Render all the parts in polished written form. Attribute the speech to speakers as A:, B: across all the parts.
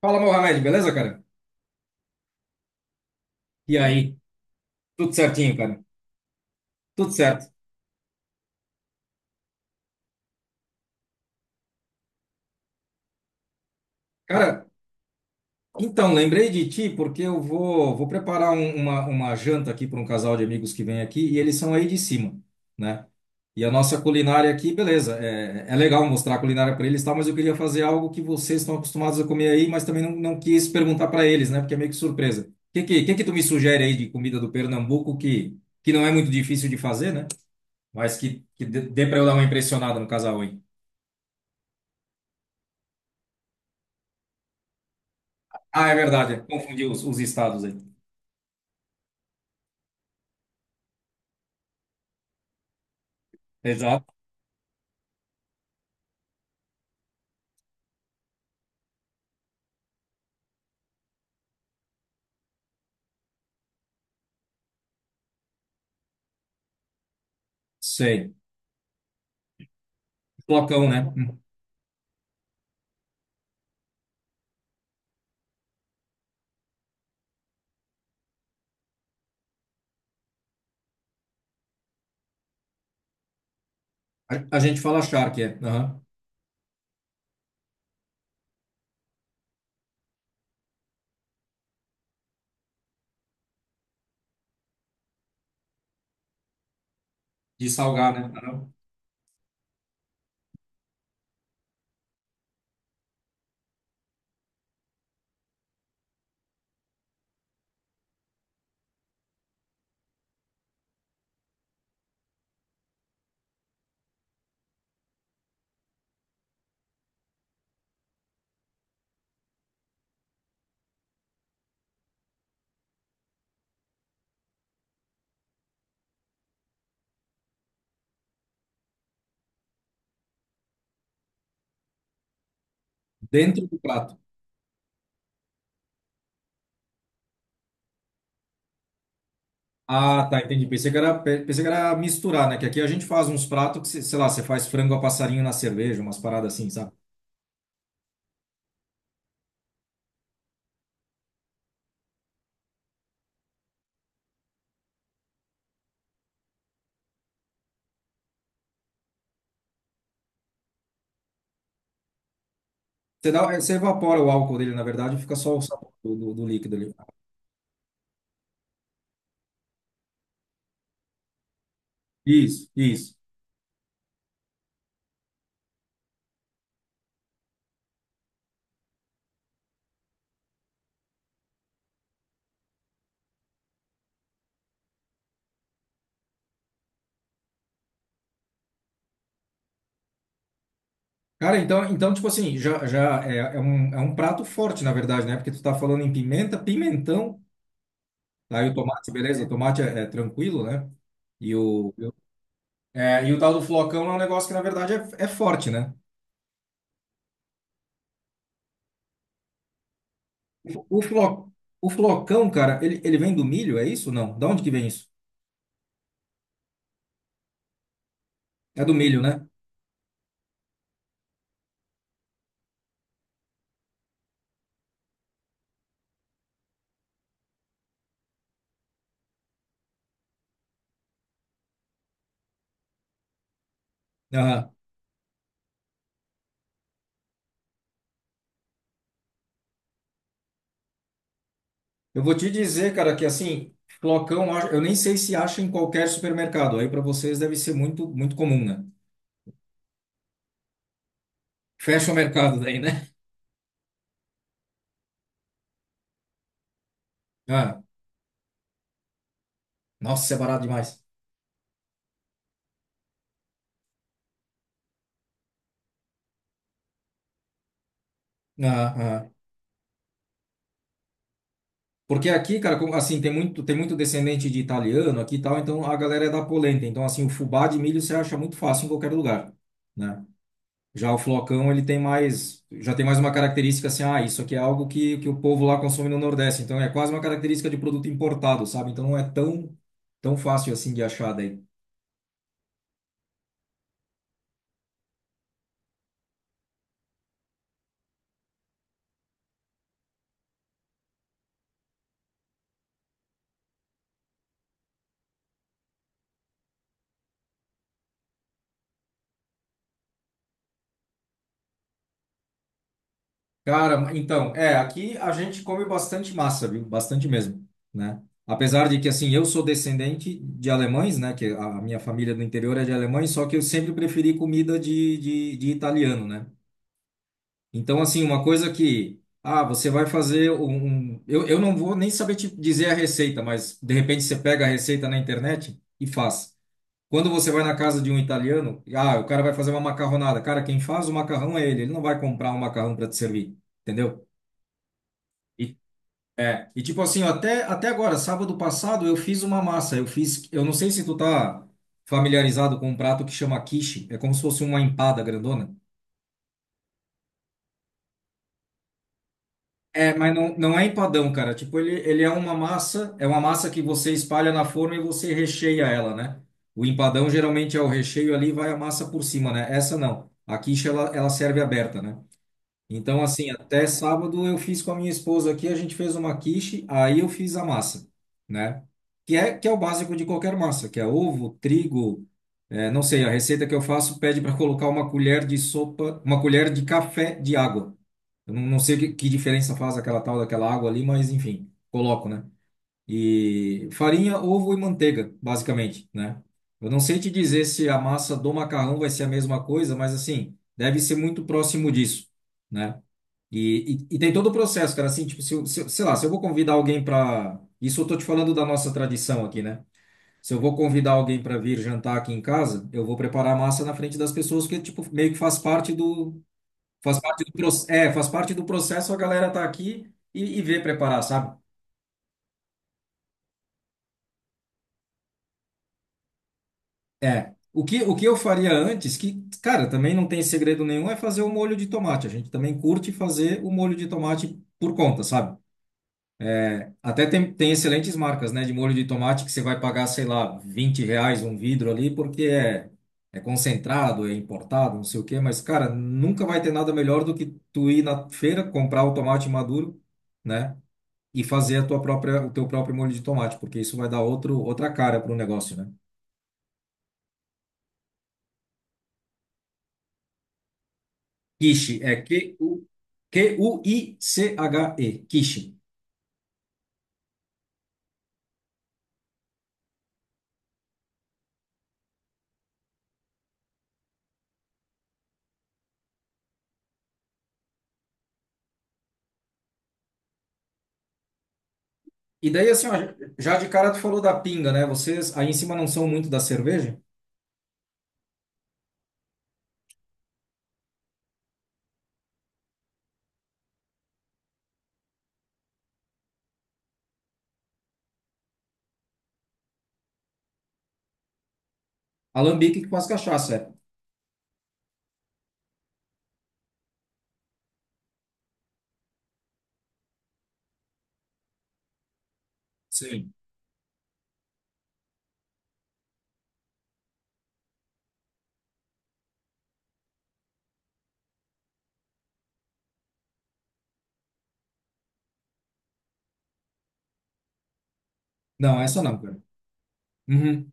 A: Fala, Mohamed, beleza, cara? E aí? Tudo certinho, cara? Tudo certo. Cara, então, lembrei de ti porque eu vou preparar uma janta aqui para um casal de amigos que vem aqui e eles são aí de cima, né? E a nossa culinária aqui, beleza, é legal mostrar a culinária para eles, e tal, mas eu queria fazer algo que vocês estão acostumados a comer aí, mas também não quis perguntar para eles, né? Porque é meio que surpresa. O que que tu me sugere aí de comida do Pernambuco que não é muito difícil de fazer, né? Mas que dê para eu dar uma impressionada no casal, hein? Ah, é verdade. Confundi os estados aí. Exato. Sei. Flocão, né? Hum. A gente fala charque, é. Aham. De salgar, né? Aham. Dentro do prato. Ah, tá, entendi. Pensei que era, pensei que era misturar, né? Que aqui a gente faz uns pratos que, sei lá, você faz frango a passarinho na cerveja, umas paradas assim, sabe? Você evapora o álcool dele, na verdade, e fica só o sabor do líquido ali. Isso, isso. Cara, então tipo assim, já é, é um prato forte, na verdade, né? Porque tu tá falando em pimenta, pimentão, aí o tomate, beleza, o tomate é tranquilo, né? E o, eu- e o tal do flocão é um negócio que, na verdade, é forte, né? O, flo, o flocão, cara, ele vem do milho, é isso? Não. Da onde que vem isso? É do milho, né? Aham. Eu vou te dizer, cara, que assim, flocão, eu nem sei se acha em qualquer supermercado. Aí para vocês deve ser muito, muito comum, né? Fecha o mercado daí, né? Ah, nossa, é barato demais. Ah, ah. Porque aqui, cara, como, assim, tem muito descendente de italiano aqui e tal, então a galera é da polenta. Então, assim, o fubá de milho você acha muito fácil em qualquer lugar, né? Já o flocão, já tem mais uma característica assim, ah, isso aqui é algo que o povo lá consome no Nordeste. Então, é quase uma característica de produto importado, sabe? Então, não é tão fácil assim de achar daí. Cara, então, é, aqui a gente come bastante massa, viu? Bastante mesmo, né? Apesar de que, assim, eu sou descendente de alemães, né? Que a minha família do interior é de alemães, só que eu sempre preferi comida de italiano, né? Então, assim, uma coisa que, ah, você vai fazer um... um- eu não vou nem saber te dizer a receita, mas de repente você pega a receita na internet e faz. Quando você vai na casa de um italiano, ah, o cara vai fazer uma macarronada. Cara, quem faz o macarrão é ele, não vai comprar um macarrão para te servir, entendeu? E tipo assim, ó, até agora, sábado passado, eu fiz uma massa. Eu não sei se tu tá familiarizado com um prato que chama quiche. É como se fosse uma empada grandona. É, mas não é empadão, cara. Tipo, ele é uma massa que você espalha na forma e você recheia ela, né? O empadão geralmente é o recheio ali, e vai a massa por cima, né? Essa não. A quiche, ela serve aberta, né? Então, assim, até sábado eu fiz com a minha esposa aqui, a gente fez uma quiche, aí eu fiz a massa, né? Que é o básico de qualquer massa, que é ovo, trigo, não sei, a receita que eu faço pede para colocar uma colher de sopa, uma colher de café de água. Eu não sei que diferença faz aquela tal daquela água ali, mas enfim, coloco, né? E farinha, ovo e manteiga, basicamente, né? Eu não sei te dizer se a massa do macarrão vai ser a mesma coisa, mas assim, deve ser muito próximo disso, né? E tem todo o processo, cara, assim, tipo, se, eu- se, eu- sei lá, se eu vou convidar alguém para, isso eu tô te falando da nossa tradição aqui, né? Se eu vou convidar alguém para vir jantar aqui em casa, eu vou preparar a massa na frente das pessoas, que tipo, meio que faz parte do processo, a galera tá aqui e vê preparar, sabe? É, o que eu faria antes, que, cara, também não tem segredo nenhum, é fazer o molho de tomate. A gente também curte fazer o molho de tomate por conta, sabe? Até tem excelentes marcas, né, de molho de tomate que você vai pagar, sei lá, R$ 20 um vidro ali, porque é concentrado, é importado, não sei o quê, mas, cara, nunca vai ter nada melhor do que tu ir na feira, comprar o tomate maduro, né, e fazer a tua própria, o teu próprio molho de tomate, porque isso vai dar outro, outra cara para o negócio, né? Quiche, é Quiche, quiche. E daí, assim, ó, já de cara tu falou da pinga, né? Vocês aí em cima não são muito da cerveja? Alambique com as cachaça, é. Sim. Não, essa não, cara. Uhum,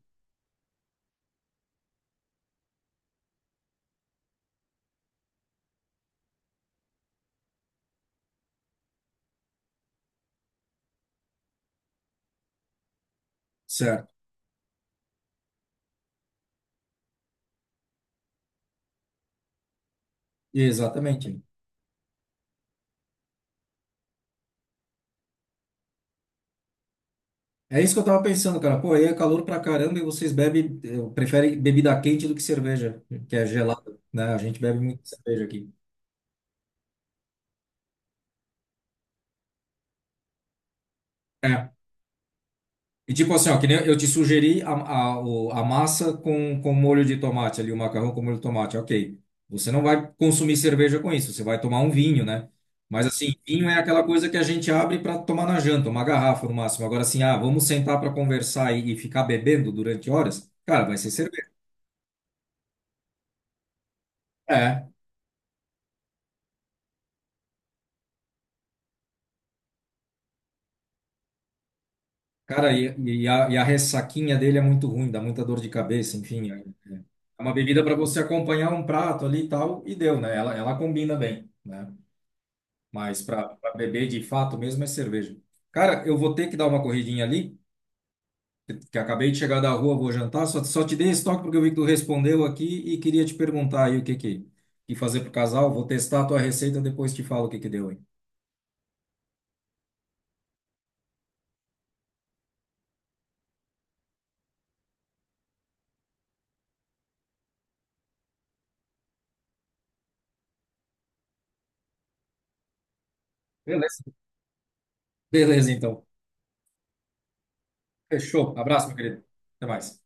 A: certo. Exatamente. É isso que eu tava pensando, cara. Pô, aí é calor pra caramba e vocês bebem, preferem bebida quente do que cerveja, que é gelada, né? A gente bebe muito cerveja aqui. É. E tipo assim, ó, que nem eu te sugeri a massa com molho de tomate ali, o macarrão com molho de tomate, ok. Você não vai consumir cerveja com isso, você vai tomar um vinho, né? Mas assim, vinho é aquela coisa que a gente abre para tomar na janta, uma garrafa no máximo. Agora assim, ah, vamos sentar para conversar e ficar bebendo durante horas? Cara, vai ser cerveja. É, cara, e a ressaquinha dele é muito ruim, dá muita dor de cabeça, enfim. É É uma bebida para você acompanhar um prato ali e tal, e deu, né? Ela combina bem, né? Mas para beber de fato mesmo é cerveja. Cara, eu vou ter que dar uma corridinha ali, que acabei de chegar da rua, vou jantar. Só te dei esse toque porque eu vi que tu respondeu aqui e queria te perguntar aí o que que fazer pro casal. Vou testar a tua receita, depois te falo o que que deu, hein? Beleza. Beleza, então. Fechou. Abraço, meu querido. Até mais.